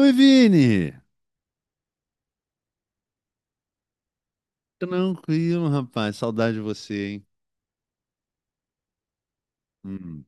Oi, Vini! Tranquilo, rapaz. Saudade de você, hein? Hum.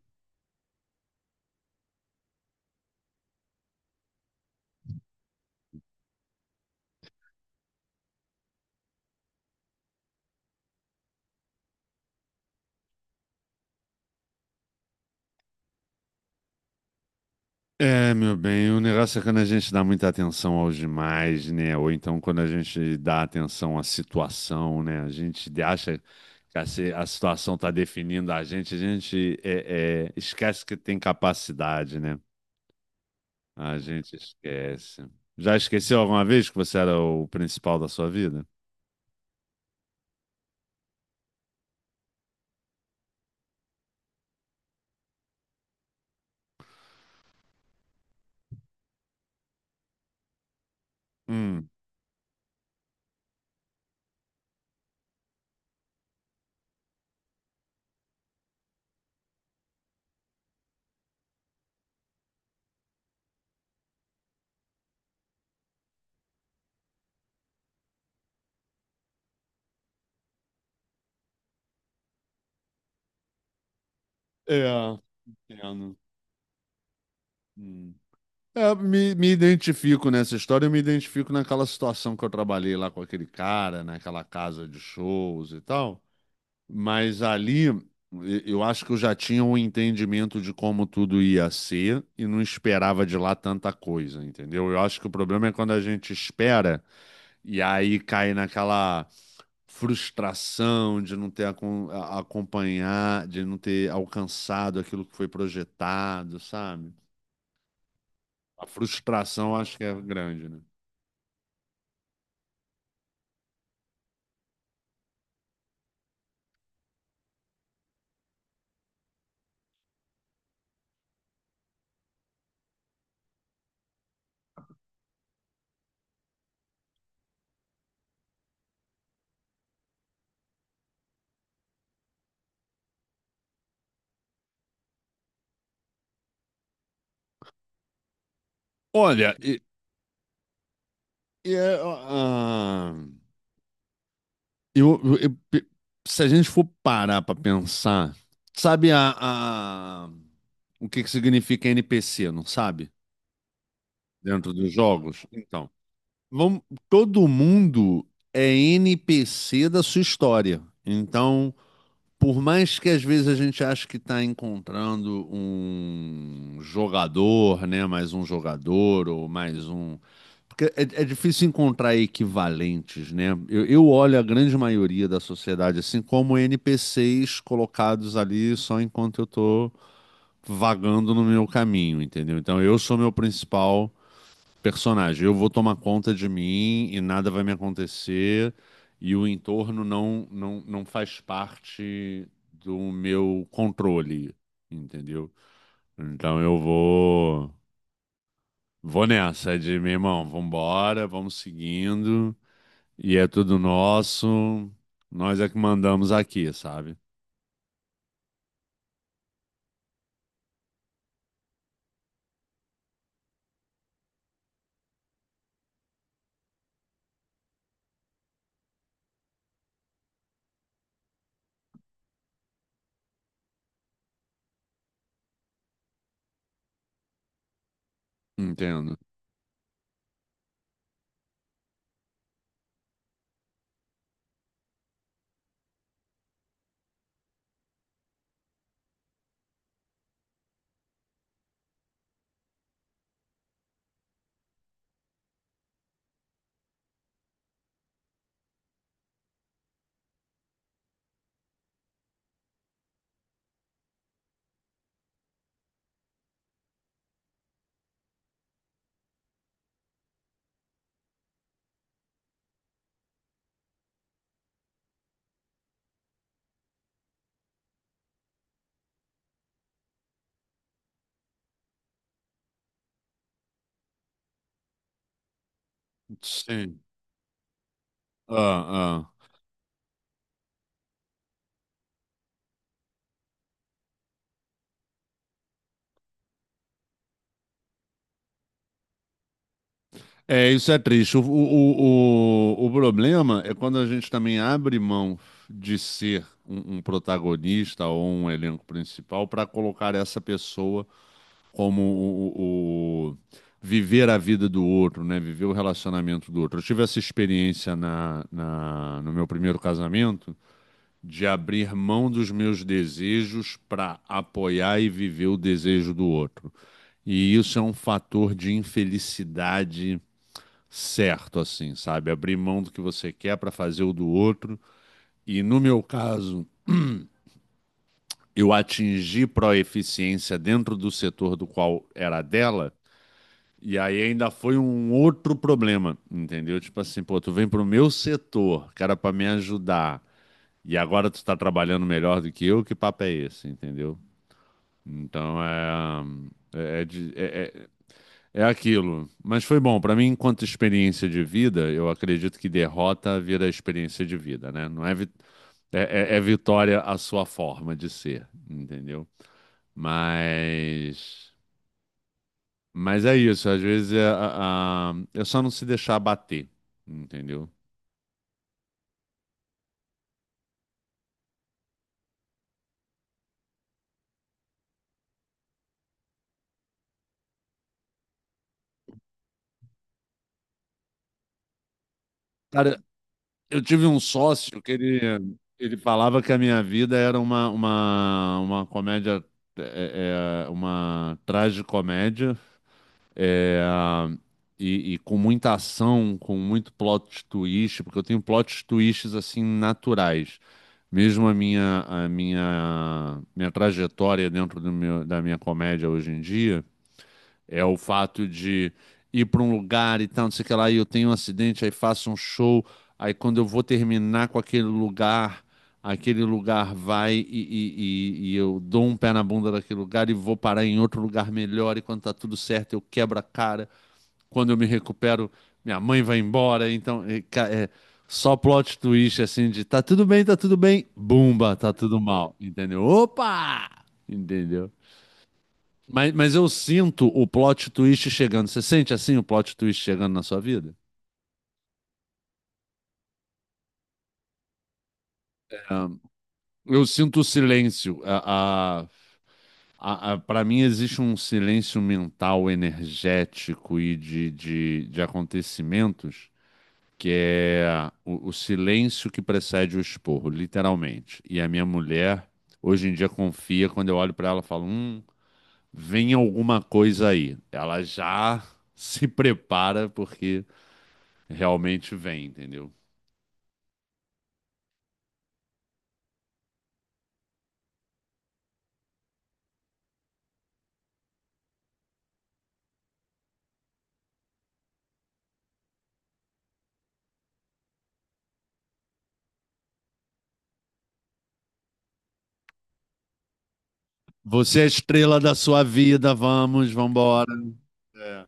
É, meu bem, o negócio é quando a gente dá muita atenção aos demais, né? Ou então quando a gente dá atenção à situação, né? A gente acha que a situação tá definindo a gente esquece que tem capacidade, né? A gente esquece. Já esqueceu alguma vez que você era o principal da sua vida? Hum. É, entendo. Hum. É, me identifico nessa história, eu me identifico naquela situação que eu trabalhei lá com aquele cara, naquela casa de shows e tal. Mas ali eu acho que eu já tinha um entendimento de como tudo ia ser e não esperava de lá tanta coisa, entendeu? Eu acho que o problema é quando a gente espera e aí cai naquela frustração de não ter acompanhar, de não ter alcançado aquilo que foi projetado, sabe? A frustração acho que é grande, né? Olha, e é, eu, eu- eu pe- se a gente for parar para pensar, sabe a- o que que significa NPC, não sabe? Dentro dos jogos? Então, vamos, todo mundo é NPC da sua história. Então, por mais que às vezes a gente ache que está encontrando um jogador, né? Mais um jogador ou mais um. Porque é difícil encontrar equivalentes, né? Eu olho a grande maioria da sociedade assim como NPCs colocados ali só enquanto eu tô vagando no meu caminho, entendeu? Então eu sou meu principal personagem. Eu vou tomar conta de mim e nada vai me acontecer e o entorno não faz parte do meu controle, entendeu? Então eu vou nessa é de meu irmão, vambora, vamos seguindo e é tudo nosso. Nós é que mandamos aqui, sabe? Entendo. Sim. Ah, ah. É, isso é triste. O problema é quando a gente também abre mão de ser um protagonista ou um elenco principal para colocar essa pessoa como viver a vida do outro, né? Viver o relacionamento do outro. Eu tive essa experiência no meu primeiro casamento de abrir mão dos meus desejos para apoiar e viver o desejo do outro. E isso é um fator de infelicidade certo, assim, sabe? Abrir mão do que você quer para fazer o do outro. E no meu caso, eu atingi proeficiência dentro do setor do qual era dela. E aí ainda foi um outro problema, entendeu? Tipo assim, pô, tu vem pro meu setor, cara, pra me ajudar. E agora tu tá trabalhando melhor do que eu, que papo é esse, entendeu? Então é. É, é de- é- é É aquilo. Mas foi bom. Para mim, enquanto experiência de vida, eu acredito que derrota vira experiência de vida, né? Não é, é, vitória a sua forma de ser, entendeu? Mas. Mas é isso. Às vezes é só não se deixar bater, entendeu? Cara, eu tive um sócio que ele falava que a minha vida era uma comédia, uma tragicomédia. É, e com muita ação, com muito plot twist, porque eu tenho plot twists assim naturais. Mesmo a minha trajetória dentro da minha comédia hoje em dia é o fato de ir para um lugar e tal, não sei o que lá, e eu tenho um acidente, aí faço um show, aí quando eu vou terminar com aquele lugar vai e eu dou um pé na bunda daquele lugar e vou parar em outro lugar melhor, e quando tá tudo certo eu quebro a cara, quando eu me recupero, minha mãe vai embora, então é só plot twist assim de tá tudo bem, bumba, tá tudo mal, entendeu? Opa! Entendeu? Mas eu sinto o plot twist chegando. Você sente assim o plot twist chegando na sua vida? Eu sinto o silêncio. Pra mim existe um silêncio mental, energético e de acontecimentos que é o silêncio que precede o esporro, literalmente. E a minha mulher, hoje em dia, confia. Quando eu olho pra ela, eu falo: vem alguma coisa aí. Ela já se prepara porque realmente vem, entendeu? Você é a estrela da sua vida, vamos, vambora. É.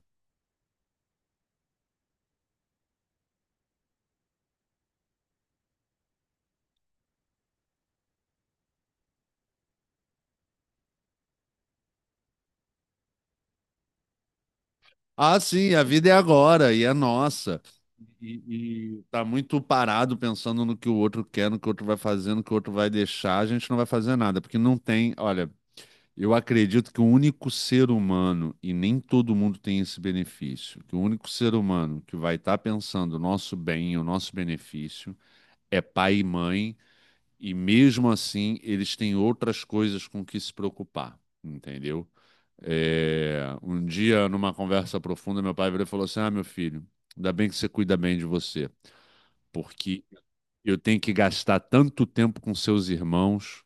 Ah, sim, a vida é agora e é nossa. E tá muito parado pensando no que o outro quer, no que o outro vai fazer, no que o outro vai deixar. A gente não vai fazer nada, porque não tem. Olha, eu acredito que o único ser humano, e nem todo mundo tem esse benefício, que o único ser humano que vai estar pensando o nosso bem, o nosso benefício, é pai e mãe. E mesmo assim, eles têm outras coisas com que se preocupar, entendeu? É, um dia, numa conversa profunda, meu pai virou e falou assim: Ah, meu filho, ainda bem que você cuida bem de você, porque eu tenho que gastar tanto tempo com seus irmãos,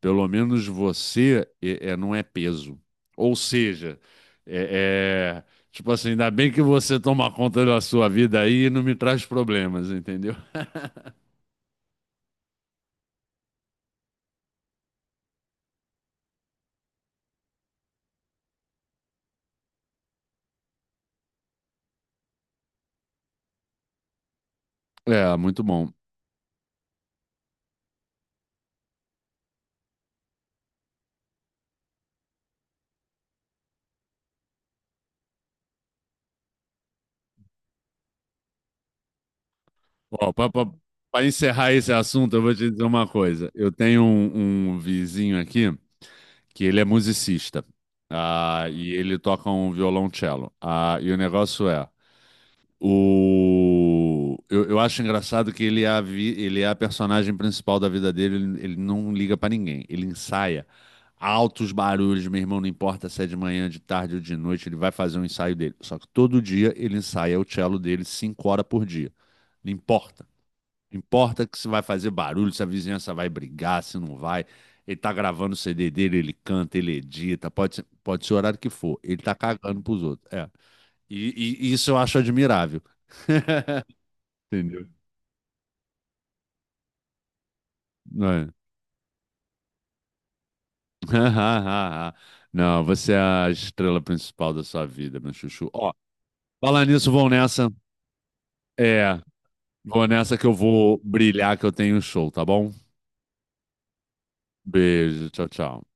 pelo menos você não é peso. Ou seja, é, é, tipo assim, ainda bem que você toma conta da sua vida aí e não me traz problemas, entendeu? É, muito bom. Ó, para encerrar esse assunto, eu vou te dizer uma coisa. Eu tenho um vizinho aqui que ele é musicista, e ele toca um violoncello. Ah, e o negócio é, eu acho engraçado que ele é a personagem principal da vida dele, ele não liga para ninguém, ele ensaia. Altos barulhos, meu irmão, não importa se é de manhã, de tarde ou de noite, ele vai fazer um ensaio dele. Só que todo dia ele ensaia o cello dele 5 horas por dia. Não importa. Importa que se vai fazer barulho, se a vizinhança vai brigar, se não vai. Ele tá gravando o CD dele, ele canta, ele edita, pode ser o horário que for. Ele tá cagando pros outros. É. E isso eu acho admirável. Entendeu? Não, é? Não, você é a estrela principal da sua vida, meu chuchu. Ó, falar nisso, vou nessa. É, vou nessa que eu vou brilhar, que eu tenho um show, tá bom? Beijo, tchau, tchau.